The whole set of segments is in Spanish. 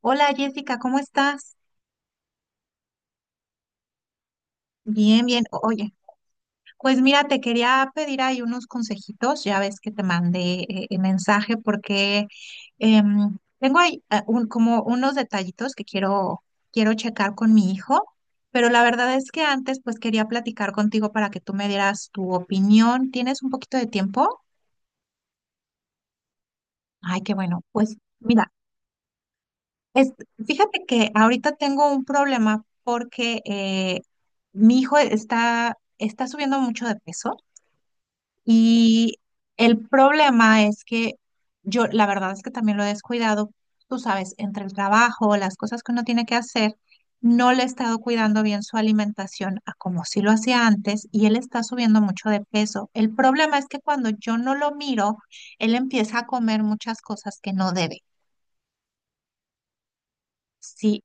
Hola Jessica, ¿cómo estás? Bien, bien. Oye, pues mira, te quería pedir ahí unos consejitos. Ya ves que te mandé el mensaje porque tengo ahí como unos detallitos que quiero checar con mi hijo, pero la verdad es que antes pues quería platicar contigo para que tú me dieras tu opinión. ¿Tienes un poquito de tiempo? Ay, qué bueno. Pues mira. Es, fíjate que ahorita tengo un problema porque mi hijo está subiendo mucho de peso y el problema es que yo, la verdad es que también lo he descuidado, tú sabes, entre el trabajo, las cosas que uno tiene que hacer, no le he estado cuidando bien su alimentación a como si lo hacía antes y él está subiendo mucho de peso. El problema es que cuando yo no lo miro, él empieza a comer muchas cosas que no debe. Sí.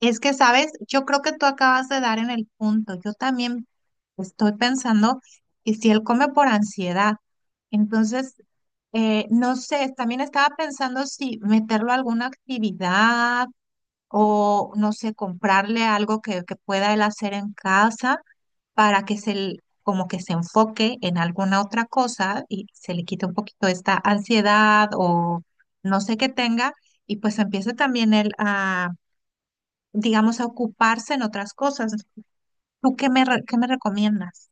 Es que, sabes, yo creo que tú acabas de dar en el punto. Yo también estoy pensando que si él come por ansiedad, entonces, no sé, también estaba pensando si meterlo a alguna actividad o, no sé, comprarle algo que pueda él hacer en casa para que como que se enfoque en alguna otra cosa y se le quite un poquito esta ansiedad o no sé qué tenga y pues empiece también él digamos, a ocuparse en otras cosas. ¿Tú qué qué me recomiendas?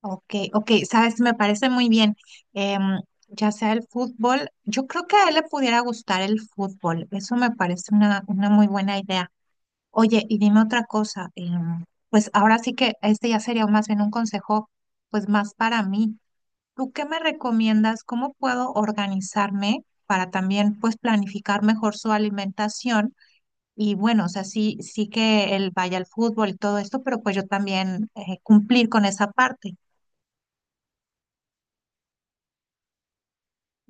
Ok, ok, sabes, me parece muy bien. Em, ya sea el fútbol, yo creo que a él le pudiera gustar el fútbol. Eso me parece una muy buena idea. Oye, y dime otra cosa. Pues ahora sí que este ya sería más bien un consejo, pues más para mí. ¿Tú qué me recomiendas? ¿Cómo puedo organizarme para también, pues, planificar mejor su alimentación? Y bueno, o sea, sí, sí que él vaya al fútbol y todo esto, pero pues yo también cumplir con esa parte.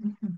Ujú.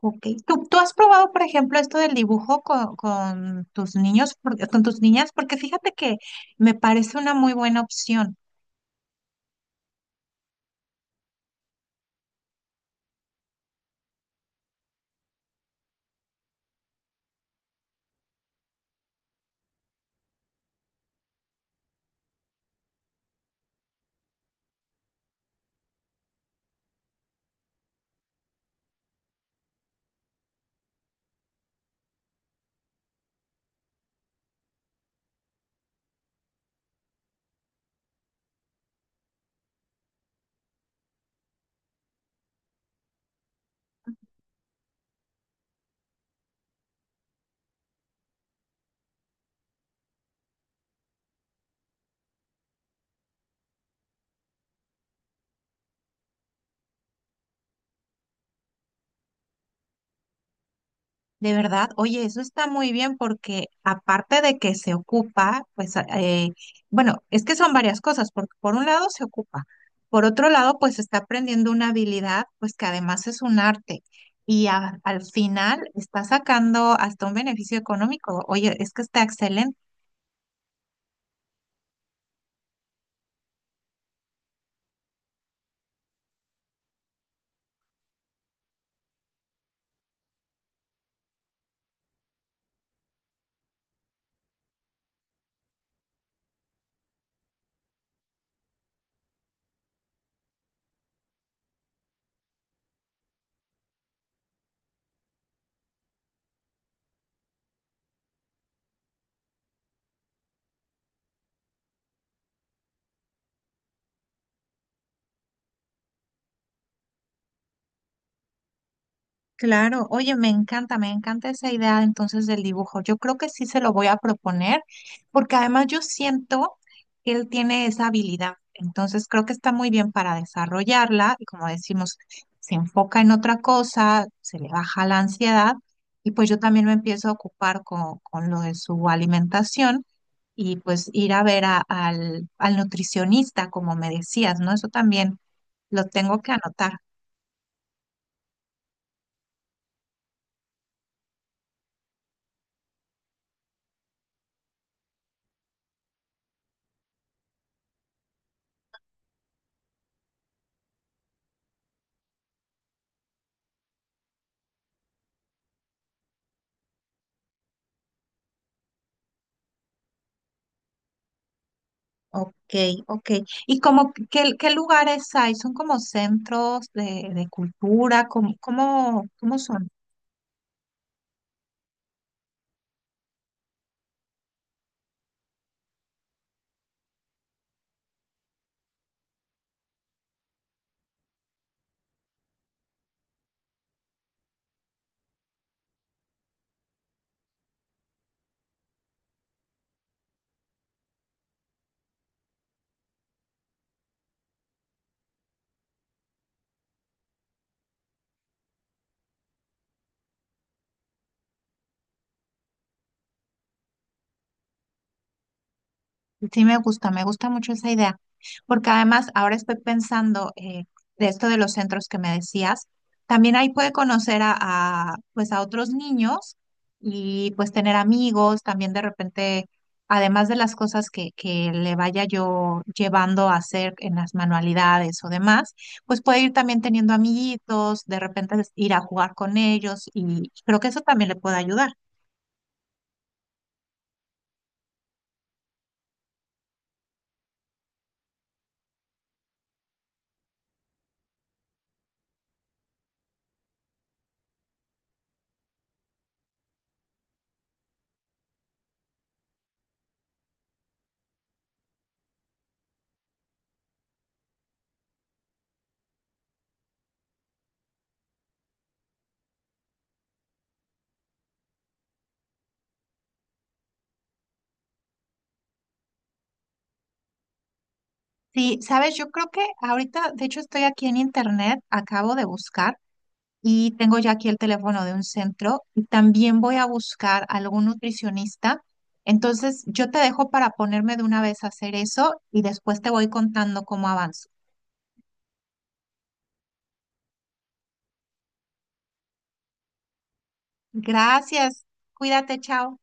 Ok. ¿Tú, tú has probado, por ejemplo, esto del dibujo con tus niños, con tus niñas? Porque fíjate que me parece una muy buena opción. De verdad, oye, eso está muy bien porque aparte de que se ocupa, pues bueno, es que son varias cosas, porque por un lado se ocupa, por otro lado pues está aprendiendo una habilidad, pues que además es un arte y al final está sacando hasta un beneficio económico. Oye, es que está excelente. Claro, oye, me encanta esa idea entonces del dibujo. Yo creo que sí se lo voy a proponer, porque además yo siento que él tiene esa habilidad. Entonces creo que está muy bien para desarrollarla y como decimos, se enfoca en otra cosa, se le baja la ansiedad y pues yo también me empiezo a ocupar con lo de su alimentación y pues ir a ver al, al nutricionista, como me decías, ¿no? Eso también lo tengo que anotar. Ok, ok. ¿Y como qué, qué lugares hay? ¿Son como centros de cultura? ¿Cómo, cómo, cómo son? Sí, me gusta mucho esa idea, porque además ahora estoy pensando de esto de los centros que me decías, también ahí puede conocer a, pues a otros niños y pues tener amigos, también de repente, además de las cosas que le vaya yo llevando a hacer en las manualidades o demás, pues puede ir también teniendo amiguitos, de repente ir a jugar con ellos y creo que eso también le puede ayudar. Sí, sabes, yo creo que ahorita, de hecho, estoy aquí en internet, acabo de buscar y tengo ya aquí el teléfono de un centro y también voy a buscar algún nutricionista. Entonces, yo te dejo para ponerme de una vez a hacer eso y después te voy contando cómo avanzo. Gracias, cuídate, chao.